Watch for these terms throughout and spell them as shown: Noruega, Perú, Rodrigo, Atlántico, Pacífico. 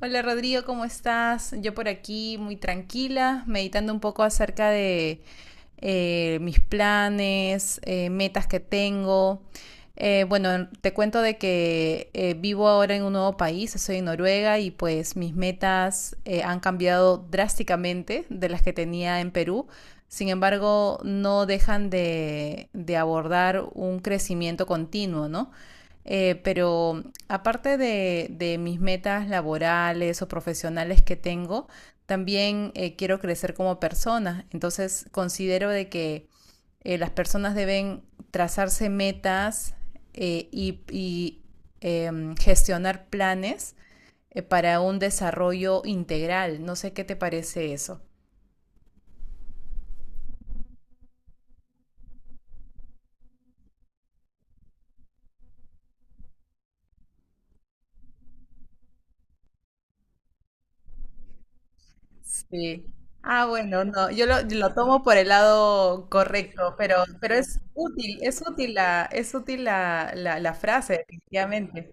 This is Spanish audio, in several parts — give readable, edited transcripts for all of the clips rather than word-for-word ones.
Hola Rodrigo, ¿cómo estás? Yo por aquí muy tranquila, meditando un poco acerca de mis planes, metas que tengo. Bueno, te cuento de que vivo ahora en un nuevo país, soy en Noruega y pues mis metas han cambiado drásticamente de las que tenía en Perú. Sin embargo, no dejan de abordar un crecimiento continuo, ¿no? Pero aparte de mis metas laborales o profesionales que tengo, también quiero crecer como persona. Entonces considero de que las personas deben trazarse metas eh, y, y eh, gestionar planes para un desarrollo integral. No sé qué te parece eso. Sí. Ah, bueno, no, yo lo tomo por el lado correcto, pero es útil, es útil es útil la frase, definitivamente.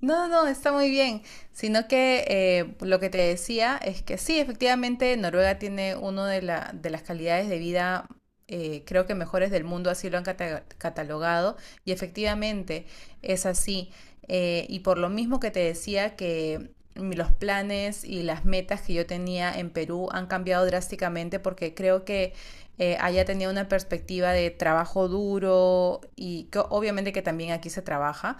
No, no, está muy bien. Sino que lo que te decía es que sí, efectivamente, Noruega tiene una de las calidades de vida, creo que mejores del mundo, así lo han catalogado, y efectivamente es así. Y por lo mismo que te decía que los planes y las metas que yo tenía en Perú han cambiado drásticamente porque creo que allá tenía una perspectiva de trabajo duro y que obviamente que también aquí se trabaja,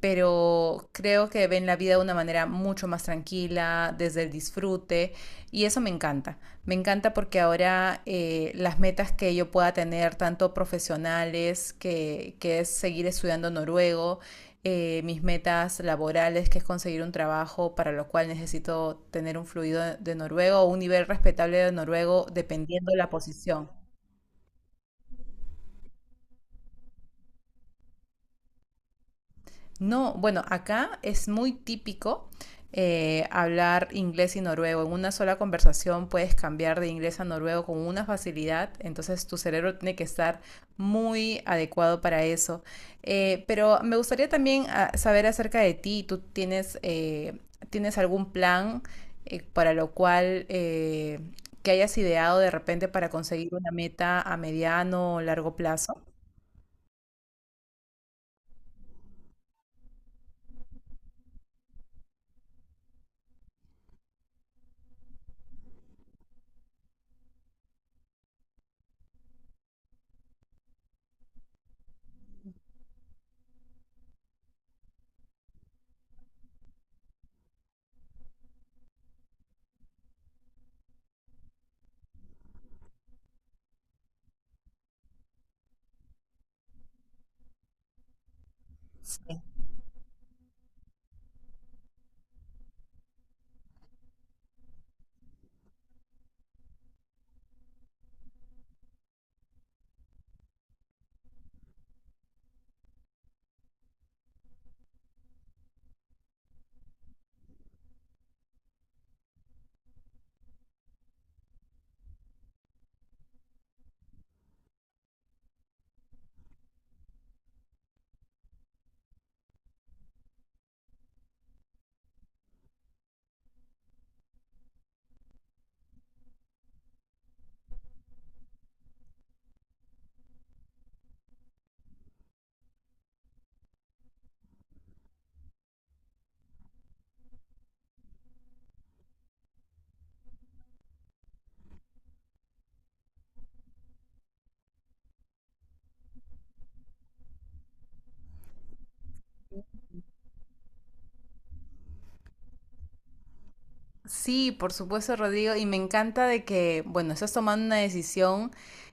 pero creo que ven la vida de una manera mucho más tranquila, desde el disfrute, y eso me encanta. Me encanta porque ahora las metas que yo pueda tener, tanto profesionales, que es seguir estudiando noruego, mis metas laborales, que es conseguir un trabajo para lo cual necesito tener un fluido de noruego o un nivel respetable de noruego, dependiendo de la posición. No, bueno, acá es muy típico hablar inglés y noruego. En una sola conversación puedes cambiar de inglés a noruego con una facilidad, entonces tu cerebro tiene que estar muy adecuado para eso. Pero me gustaría también ah, saber acerca de ti. ¿Tú tienes, tienes algún plan para lo cual que hayas ideado de repente para conseguir una meta a mediano o largo plazo? Sí, por supuesto, Rodrigo, y me encanta de que, bueno, estás tomando una decisión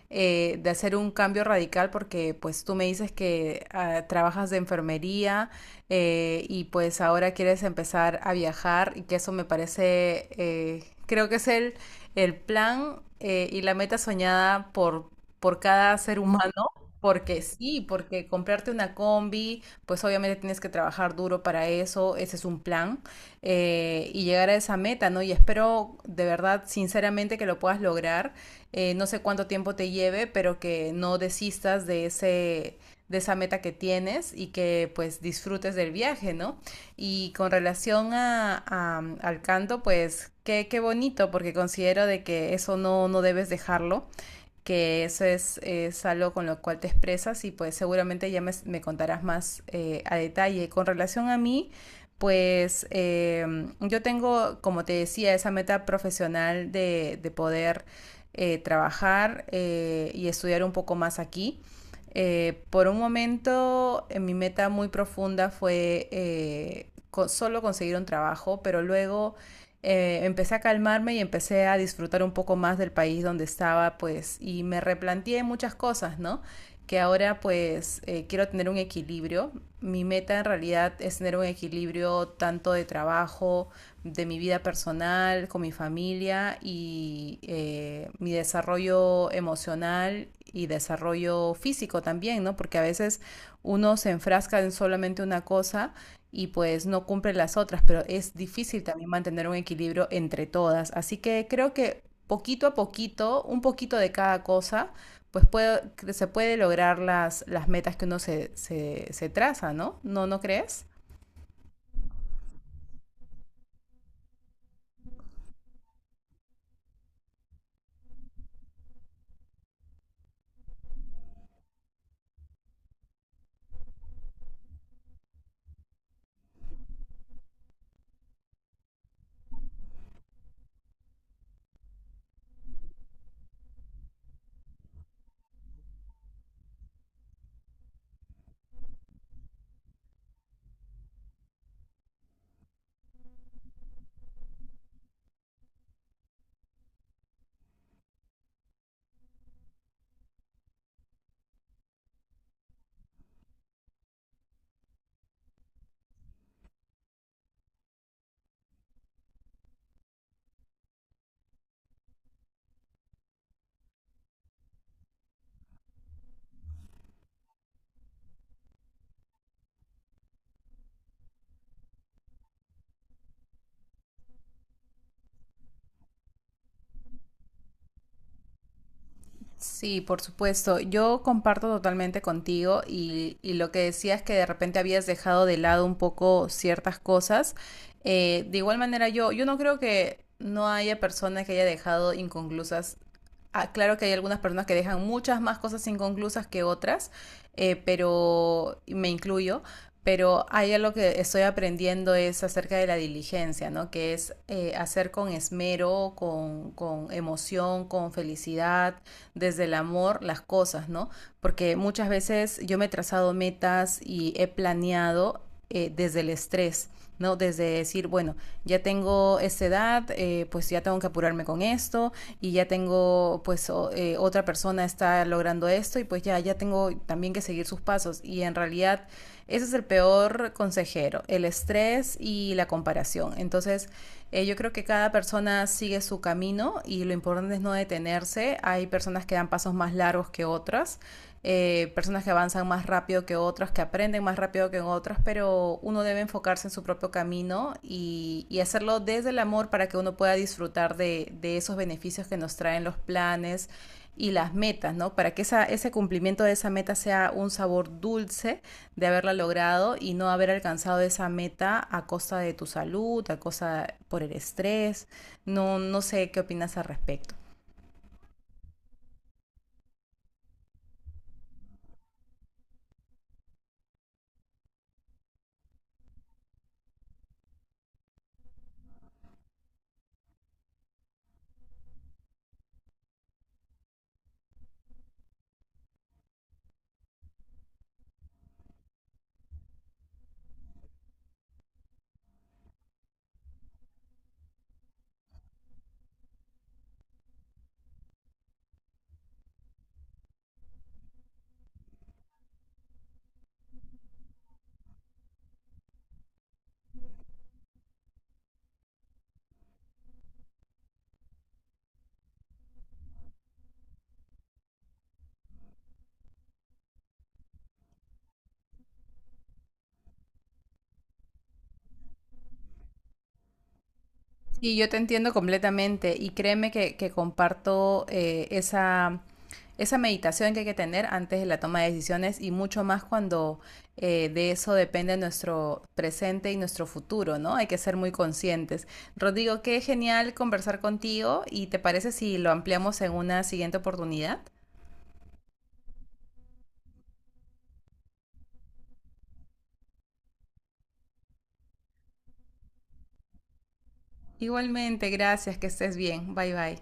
de hacer un cambio radical porque pues tú me dices que ah, trabajas de enfermería, y pues ahora quieres empezar a viajar y que eso me parece, creo que es el plan y la meta soñada por cada ser humano. Porque sí, porque comprarte una combi, pues obviamente tienes que trabajar duro para eso, ese es un plan, y llegar a esa meta, ¿no? Y espero de verdad, sinceramente, que lo puedas lograr. No sé cuánto tiempo te lleve, pero que no desistas de ese, de esa meta que tienes y que pues disfrutes del viaje, ¿no? Y con relación al canto, pues qué, qué bonito, porque considero de que eso no, no debes dejarlo, que eso es algo con lo cual te expresas y pues seguramente ya me contarás más a detalle. Con relación a mí, pues yo tengo, como te decía, esa meta profesional de poder trabajar y estudiar un poco más aquí. Por un momento, mi meta muy profunda fue solo conseguir un trabajo, pero luego empecé a calmarme y empecé a disfrutar un poco más del país donde estaba, pues, y me replanteé muchas cosas, ¿no? Que ahora, pues, quiero tener un equilibrio. Mi meta en realidad es tener un equilibrio tanto de trabajo, de mi vida personal, con mi familia y mi desarrollo emocional y desarrollo físico también, ¿no? Porque a veces uno se enfrasca en solamente una cosa y pues no cumple las otras, pero es difícil también mantener un equilibrio entre todas. Así que creo que poquito a poquito, un poquito de cada cosa, pues puede- se puede lograr las metas que uno se traza, ¿no? ¿No, no crees? Sí, por supuesto. Yo comparto totalmente contigo y lo que decías que de repente habías dejado de lado un poco ciertas cosas. De igual manera, yo no creo que no haya personas que haya dejado inconclusas. Ah, claro que hay algunas personas que dejan muchas más cosas inconclusas que otras, pero y me incluyo. Pero hay algo que estoy aprendiendo es acerca de la diligencia, ¿no? Que es hacer con esmero, con emoción, con felicidad, desde el amor las cosas, ¿no? Porque muchas veces yo me he trazado metas y he planeado desde el estrés. ¿No? Desde decir, bueno, ya tengo esta edad, pues ya tengo que apurarme con esto, y ya tengo, pues o, otra persona está logrando esto, y pues ya, ya tengo también que seguir sus pasos. Y en realidad, ese es el peor consejero, el estrés y la comparación. Entonces, yo creo que cada persona sigue su camino y lo importante es no detenerse. Hay personas que dan pasos más largos que otras, personas que avanzan más rápido que otras, que aprenden más rápido que otras, pero uno debe enfocarse en su propio camino y hacerlo desde el amor para que uno pueda disfrutar esos beneficios que nos traen los planes y las metas, ¿no? Para que esa, ese cumplimiento de esa meta sea un sabor dulce de haberla logrado y no haber alcanzado esa meta a costa de tu salud, a costa por el estrés. No, no sé qué opinas al respecto. Sí, yo te entiendo completamente y créeme que comparto esa, esa meditación que hay que tener antes de la toma de decisiones y mucho más cuando de eso depende nuestro presente y nuestro futuro, ¿no? Hay que ser muy conscientes. Rodrigo, qué genial conversar contigo y te parece si lo ampliamos en una siguiente oportunidad. Igualmente, gracias, que estés bien. Bye bye.